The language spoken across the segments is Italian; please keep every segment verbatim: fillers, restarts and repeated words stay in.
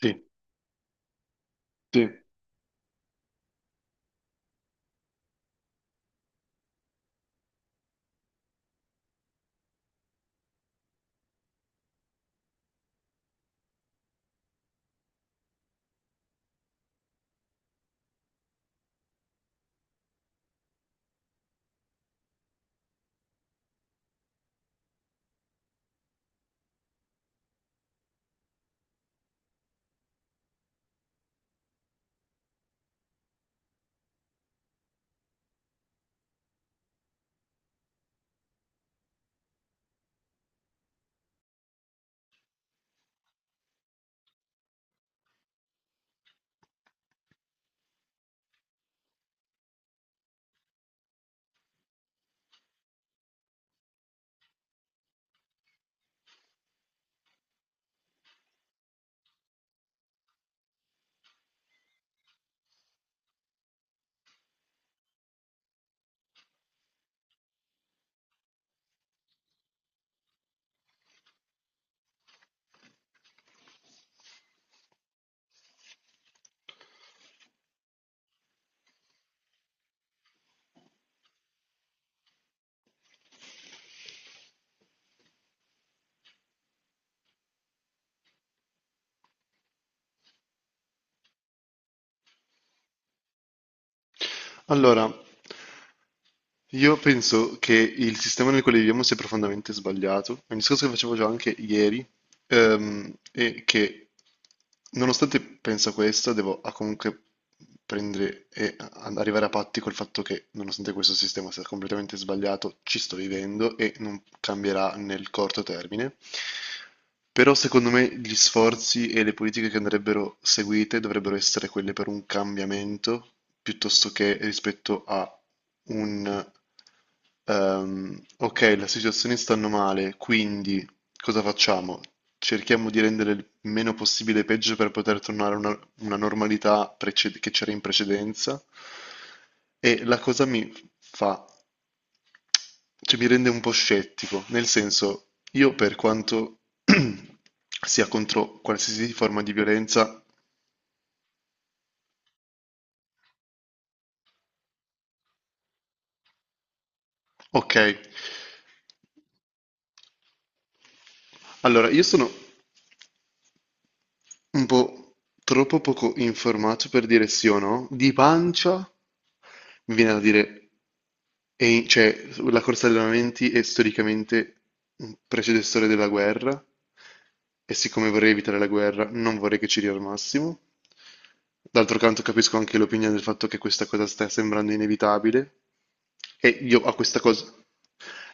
Sì, sì. Allora, io penso che il sistema nel quale viviamo sia profondamente sbagliato. È un discorso che facevo già anche ieri. Ehm, e che nonostante penso questo, devo ah, comunque prendere e a- arrivare a patti col fatto che nonostante questo sistema sia completamente sbagliato, ci sto vivendo e non cambierà nel corto termine. Però secondo me gli sforzi e le politiche che andrebbero seguite dovrebbero essere quelle per un cambiamento piuttosto che rispetto a un ehm, ok, la situazione stanno male, quindi cosa facciamo? Cerchiamo di rendere il meno possibile peggio per poter tornare a una, una normalità preced- che c'era in precedenza. E la cosa mi fa, cioè mi rende un po' scettico, nel senso, io per quanto sia contro qualsiasi forma di violenza, ok. Allora, io sono boh, troppo poco informato per dire sì o no. Di pancia mi viene da dire, e- cioè, la corsa agli allenamenti è storicamente un predecessore della guerra, e siccome vorrei evitare la guerra, non vorrei che ci riarmassimo. D'altro canto capisco anche l'opinione del fatto che questa cosa sta sembrando inevitabile, e io a questa cosa,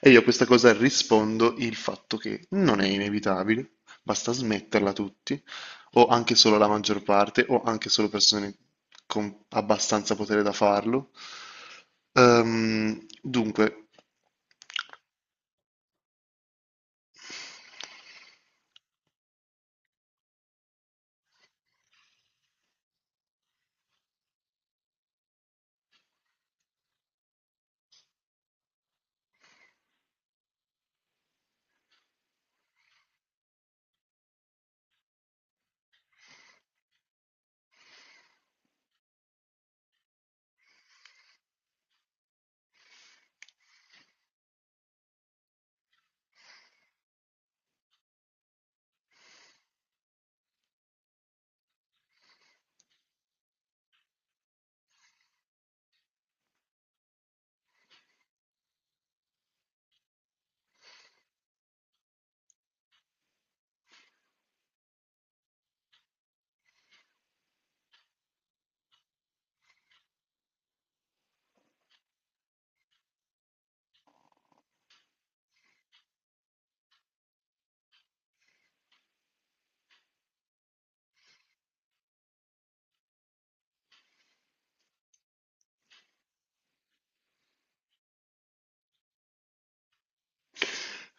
e io a questa cosa rispondo il fatto che non è inevitabile, basta smetterla tutti o anche solo la maggior parte, o anche solo persone con abbastanza potere da farlo. Ehm, dunque,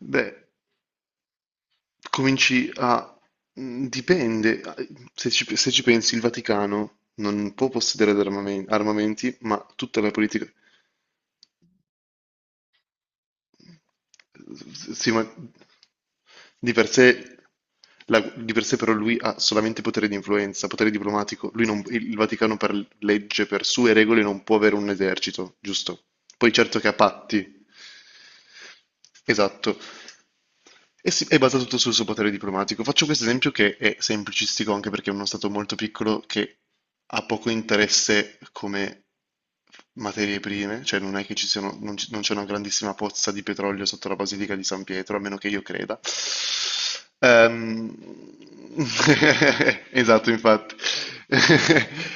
beh, cominci a... mm, dipende, se ci, se ci pensi, il Vaticano non può possedere d'armamen- armamenti, ma tutta la politica, sì, ma di per sé, la- di per sé però lui ha solamente potere di influenza, potere diplomatico. Lui non- Il Vaticano per legge, per sue regole, non può avere un esercito, giusto? Poi certo che ha patti, esatto. E si- è basato tutto sul suo potere diplomatico. Faccio questo esempio che è semplicistico anche perché è uno stato molto piccolo che ha poco interesse come materie prime, cioè non è che ci siano, non ci- non c'è una grandissima pozza di petrolio sotto la Basilica di San Pietro, a meno che io creda. Ehm, Esatto, infatti.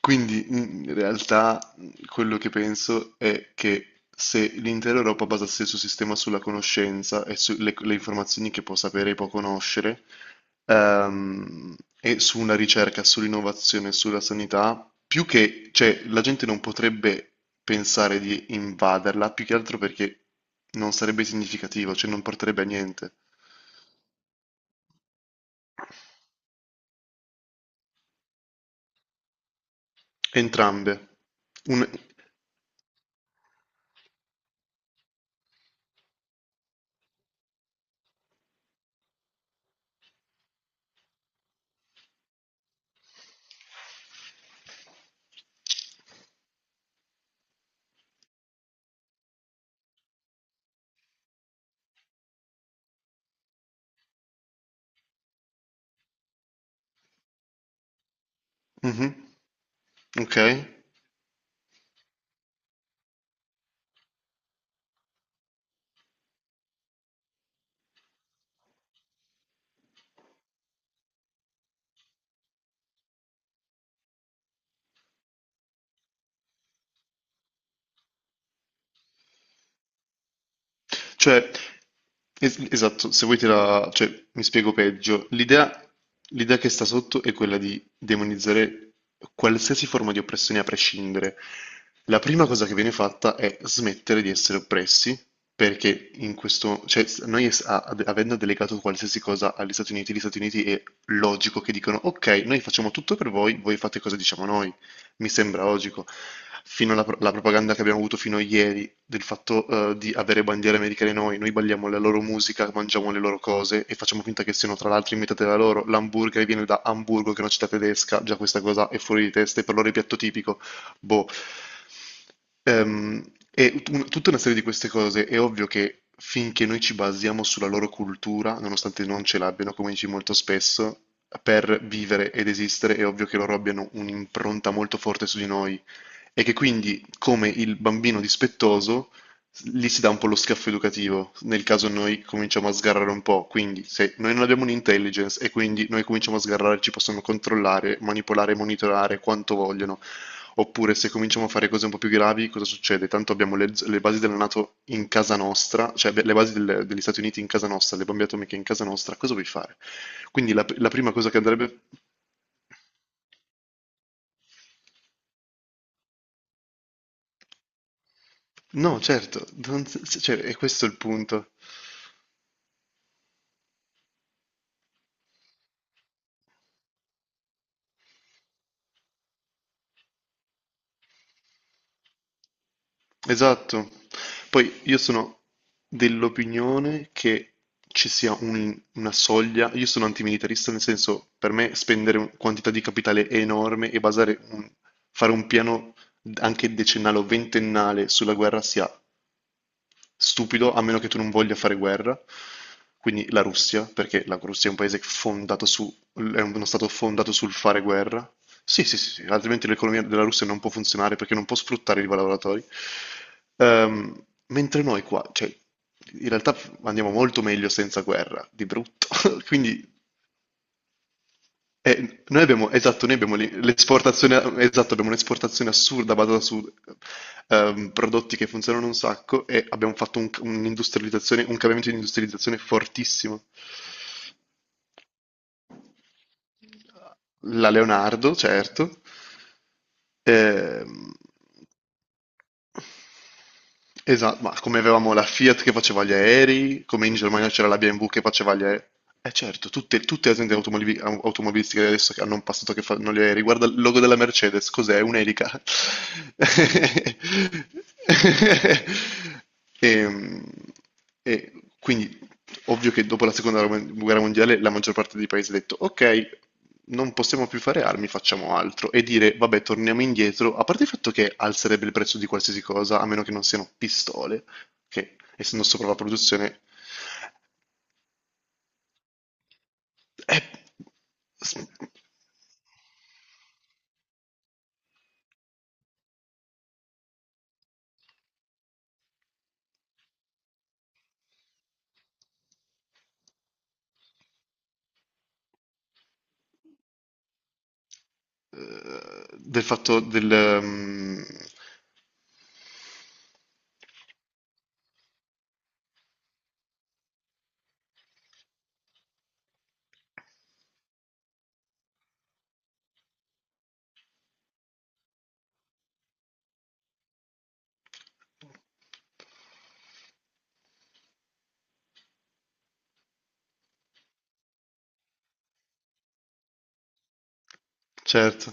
Quindi in realtà quello che penso è che se l'intera Europa basasse il suo sistema sulla conoscenza e sulle le informazioni che può sapere e può conoscere, ehm, e su una ricerca, sull'innovazione, sulla sanità, più che, cioè, la gente non potrebbe pensare di invaderla, più che altro perché non sarebbe significativo, cioè non porterebbe a niente. Entrambe. Un... Mhm. Ok. Cioè, es- esatto, se vuoi te la... cioè, mi spiego peggio. L'idea l'idea che sta sotto è quella di demonizzare qualsiasi forma di oppressione a prescindere. La prima cosa che viene fatta è smettere di essere oppressi, perché in questo... cioè, s- noi es- a- ad- avendo delegato qualsiasi cosa agli Stati Uniti, gli Stati Uniti è logico che dicono, ok, noi facciamo tutto per voi, voi fate cosa diciamo noi, mi sembra logico. Fino alla pro- la propaganda che abbiamo avuto fino a ieri del fatto eh, di avere bandiere americane noi, noi balliamo la loro musica, mangiamo le loro cose e facciamo finta che siano tra l'altro inventate da loro. L'hamburger viene da Hamburgo, che è una città tedesca, già questa cosa è fuori di testa, e per loro è piatto tipico. Boh. Ehm, e un- Tutta una serie di queste cose è ovvio che finché noi ci basiamo sulla loro cultura, nonostante non ce l'abbiano, come dici molto spesso, per vivere ed esistere, è ovvio che loro abbiano un'impronta molto forte su di noi e che quindi, come il bambino dispettoso, lì si dà un po' lo schiaffo educativo, nel caso noi cominciamo a sgarrare un po', quindi se noi non abbiamo un'intelligence e quindi noi cominciamo a sgarrare, ci possono controllare, manipolare, monitorare quanto vogliono. Oppure se cominciamo a fare cose un po' più gravi, cosa succede? Tanto abbiamo le, z- le basi della NATO in casa nostra, cioè abbi- le basi del- degli Stati Uniti in casa nostra, le bombe atomiche in casa nostra, cosa vuoi fare? Quindi la, la prima cosa che andrebbe... No, certo, non- cioè, è questo il punto. Esatto. Poi io sono dell'opinione che ci sia un- una soglia, io sono antimilitarista nel senso per me spendere un- quantità di capitale enorme e basare un- fare un piano anche decennale o ventennale sulla guerra sia stupido, a meno che tu non voglia fare guerra. Quindi la Russia, perché la Russia è un paese fondato su, è uno stato fondato sul fare guerra. Sì, sì, sì, sì, altrimenti l'economia della Russia non può funzionare perché non può sfruttare i lavoratori. Ehm, mentre noi qua, cioè, in realtà andiamo molto meglio senza guerra, di brutto. Quindi eh, noi abbiamo, esatto, noi abbiamo l'i- l'esportazione, esatto, abbiamo un'esportazione assurda basata su ehm, prodotti che funzionano un sacco e abbiamo fatto un, un'industrializzazione, un cambiamento di industrializzazione fortissimo. La Leonardo, certo. Ehm, Esa, ma come avevamo la Fiat che faceva gli aerei, come in Germania c'era la B M W che faceva gli aerei. Eh certo, tutte, tutte le aziende automobili- au- automobilistiche adesso che hanno un passato che fanno gli aerei. Guarda il logo della Mercedes, cos'è? Un'elica. E, e quindi ovvio che dopo la seconda guerra mondiale la maggior parte dei paesi ha detto ok, non possiamo più fare armi, facciamo altro e dire vabbè, torniamo indietro, a parte il fatto che alzerebbe il prezzo di qualsiasi cosa, a meno che non siano pistole, che essendo sopra la produzione è del fatto del... ehm, certo.